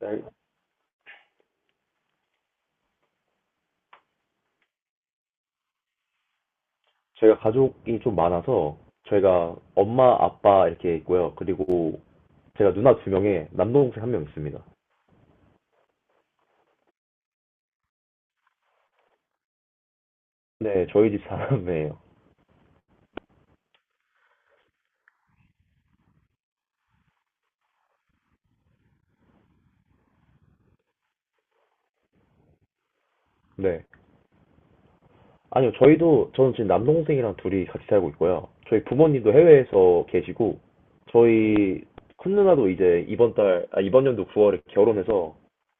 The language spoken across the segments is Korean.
네, 제가 가족이 좀 많아서 저희가 엄마, 아빠 이렇게 있고요. 그리고 제가 누나 두 명에 남동생 한 명 있습니다. 네, 저희 집 사람이에요. 네. 아니요, 저희도 저는 지금 남동생이랑 둘이 같이 살고 있고요. 저희 부모님도 해외에서 계시고 저희 큰 누나도 이제 이번 연도 9월에 결혼해서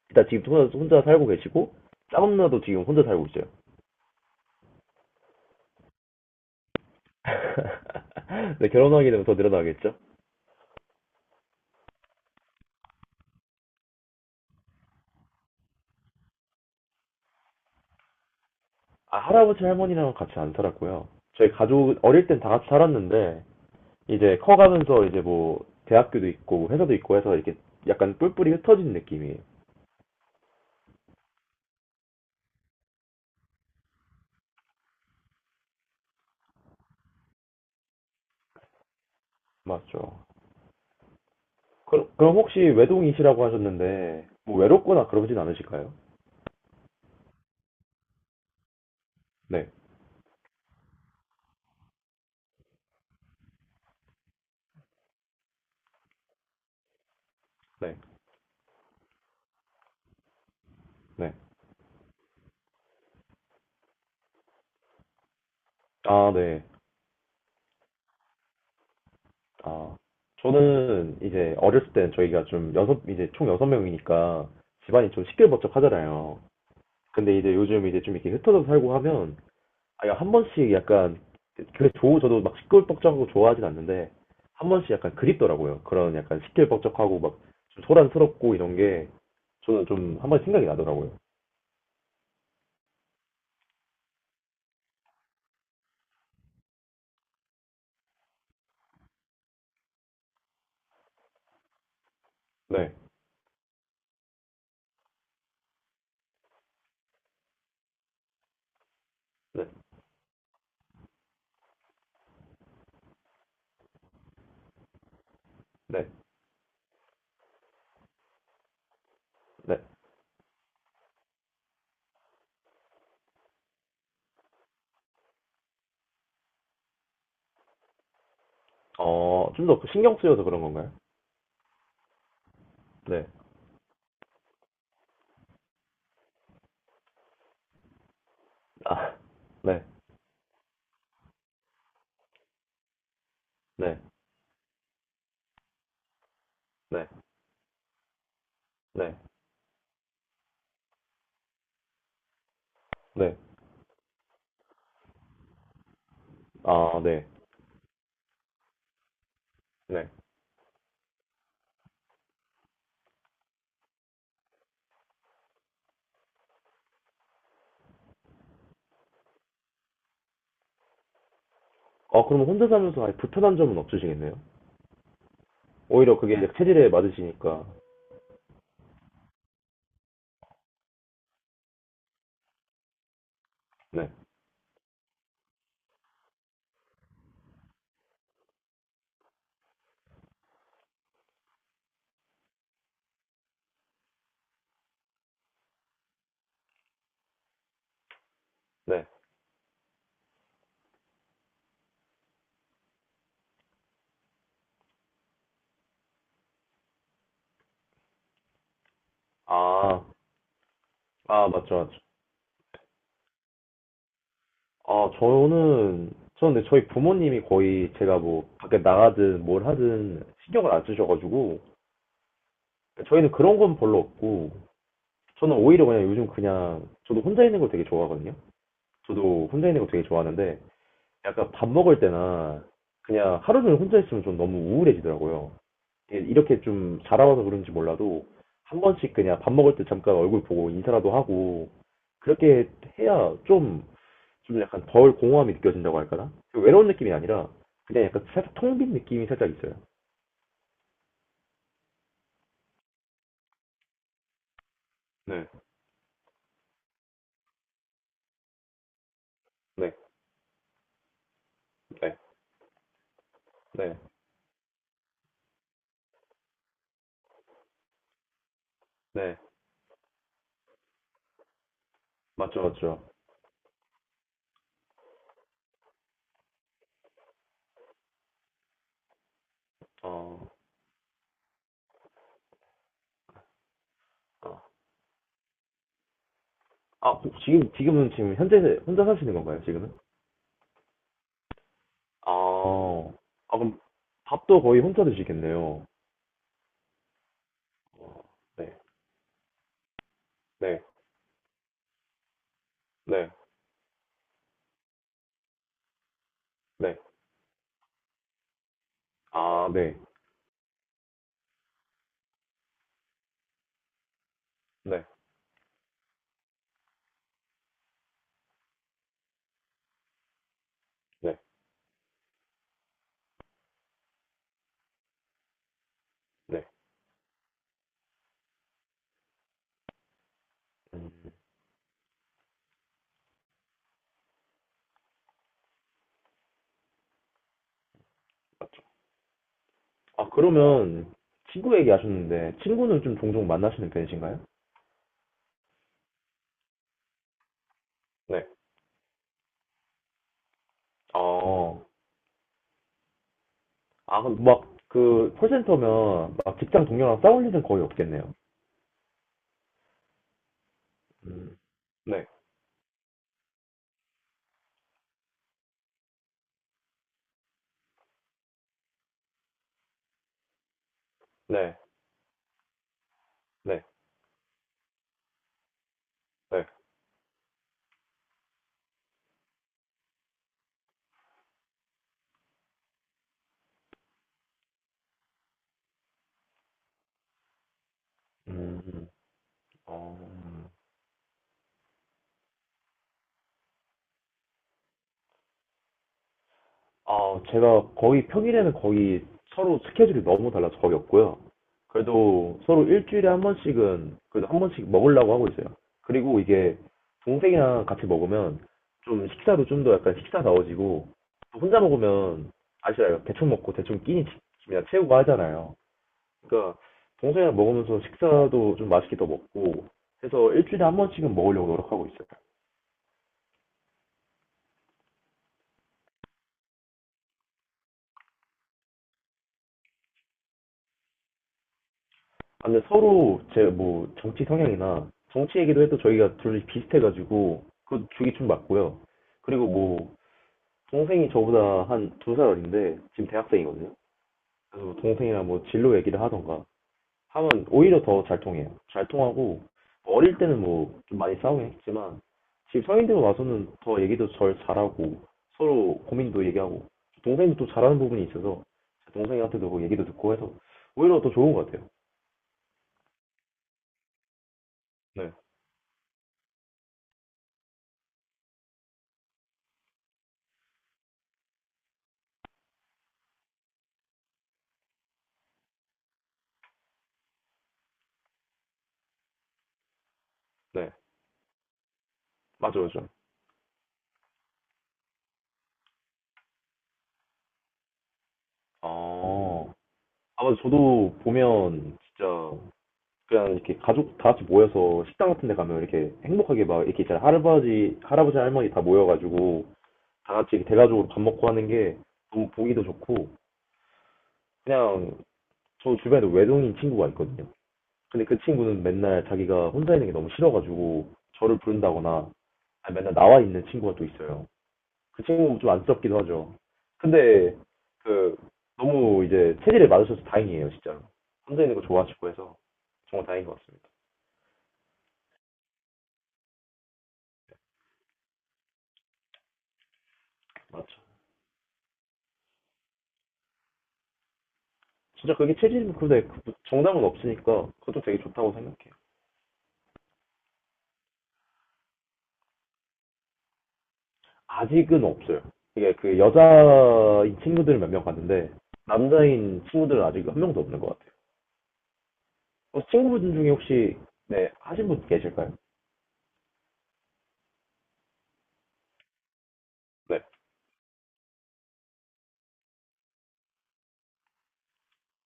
일단 지금 혼자 살고 계시고 작은 누나도 지금 혼자 살고 있어요. 네, 결혼하게 되면 더 늘어나겠죠? 아, 할아버지 할머니랑 같이 안 살았고요. 저희 가족 어릴 땐 다 같이 살았는데 이제 커가면서 이제 뭐 대학교도 있고 뭐 회사도 있고 해서 이렇게 약간 뿔뿔이 흩어진 느낌이에요. 맞죠. 그럼, 그럼 혹시 외동이시라고 하셨는데 뭐 외롭거나 그러진 않으실까요? 네, 네, 네. 아, 네. 아, 저는 이제 어렸을 땐 저희가 좀 여섯 이제 총 여섯 명이니까 집안이 좀 시끌벅적하잖아요. 근데 이제 요즘 이제 좀 이렇게 흩어져 살고 하면 아니, 한 번씩 약간, 저도 막 시끌벅적하고 좋아하진 않는데, 한 번씩 약간 그립더라고요. 그런 약간 시끌벅적하고 막, 좀 소란스럽고 이런 게, 저는 좀 한 번 생각이 나더라고요. 네, 네, 네, 네. 어, 좀 더 신경 쓰여서 그런 건가요? 네, 아, 네, 네, 네, 네, 네, 아, 네, 네. 아, 그럼 혼자 살면서 아예 불편한 점은 없으시겠네요? 오히려 그게 이제 체질에 맞으시니까. 네, 네. 아, 아, 맞죠, 맞죠. 아, 저는 근데 저희 부모님이 거의 제가 뭐, 밖에 나가든 뭘 하든 신경을 안 쓰셔가지고, 저희는 그런 건 별로 없고, 저는 오히려 그냥 요즘 그냥, 저도 혼자 있는 걸 되게 좋아하거든요? 저도 혼자 있는 걸 되게 좋아하는데, 약간 밥 먹을 때나, 그냥 하루 종일 혼자 있으면 좀 너무 우울해지더라고요. 예, 이렇게 좀 자라와서 그런지 몰라도, 한 번씩 그냥 밥 먹을 때 잠깐 얼굴 보고 인사라도 하고, 그렇게 해야 좀 좀 약간 덜 공허함이 느껴진다고 할까나? 그 외로운 느낌이 아니라 그냥 약간 살짝 통빈 느낌이 살짝 있어요. 네, 네, 네, 네, 네, 맞죠, 맞죠. 맞죠. 어, 아, 지금은 지금 현재 혼자 사시는 건가요, 지금은? 아, 어, 아, 그럼, 밥도 거의 혼자 드시겠네요. 어, 네, 네, 네, 네, 아, 아, 네. 네, 네, 네. 음. 아, 그러면 친구 얘기하셨는데 친구는 좀 종종 만나시는 편이신가요? 네, 아.. 어. 아, 그럼 막, 그, 콜센터면, 막, 직장 동료랑 싸울 일은 거의 없겠네요. 음, 네, 네, 네, 네. 음, 어, 아, 제가 거의 평일에는 거의 서로 스케줄이 너무 달라서 거의 없고요. 그래도 서로 일주일에 한 번씩은, 그래도 한 번씩 먹으려고 하고 있어요. 그리고 이게, 동생이랑 같이 먹으면, 좀 식사도 좀 더 약간 식사다워지고, 또 혼자 먹으면, 아시잖아요. 대충 먹고 대충 끼니 치- 그냥 채우고 하잖아요. 그러니까 동생이랑 먹으면서 식사도 좀 맛있게 더 먹고 해서 일주일에 한 번씩은 먹으려고 노력하고 있어요. 아, 근데 서로 제 뭐 정치 성향이나 정치 얘기도 해도 저희가 둘이 비슷해가지고 그 주기 좀 맞고요. 그리고 뭐 동생이 저보다 한 두 살 어린데 지금 대학생이거든요. 그래서 뭐 동생이랑 뭐 진로 얘기를 하던가 하면 오히려 더 잘 통해요. 잘 통하고 어릴 때는 뭐 좀 많이 싸우긴 했지만 지금 성인들 와서는 더 얘기도 절 잘하고 서로 고민도 얘기하고 동생도 또 잘하는 부분이 있어서 동생한테도 뭐 얘기도 듣고 해서 오히려 더 좋은 것 같아요. 네, 네, 맞아요, 맞아요. 어, 아마 저도 보면 진짜 그냥 이렇게 가족 다 같이 모여서 식당 같은 데 가면 이렇게 행복하게 막 이렇게 잘 할아버지, 할아버지, 할머니 다 모여가지고 다 같이 대가족으로 밥 먹고 하는 게 너무 보기도 좋고 그냥 저 주변에도 외동인 친구가 있거든요. 근데 그 친구는 맨날 자기가 혼자 있는 게 너무 싫어가지고 저를 부른다거나 아니, 맨날 나와 있는 친구가 또 있어요. 그 친구 좀 안쓰럽기도 하죠. 근데 그 너무 이제 체질에 맞으셔서 다행이에요, 진짜로. 혼자 있는 거 좋아하시고 해서 정말 다행인 것 같습니다. 맞죠. 진짜 그게 체질인데 정답은 없으니까 그것도 되게 좋다고 생각해요. 아직은 없어요. 이게 그 여자인 친구들 몇 명 갔는데 남자인 친구들은 아직 한 명도 없는 것 같아요. 어, 친구분 중에 혹시 네 하신 분 계실까요? 네,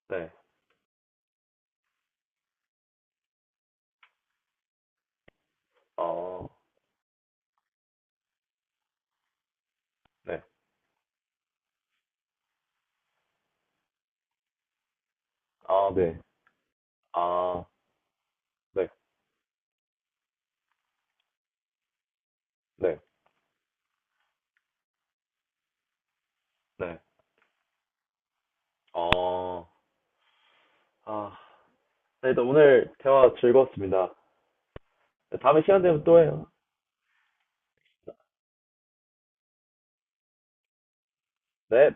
네, 어, 네, 아, 네, 아, 네, 네, 네, 어, 아, 네, 또 오늘 대화 즐거웠습니다. 다음에 시간 되면 또 해요. 네.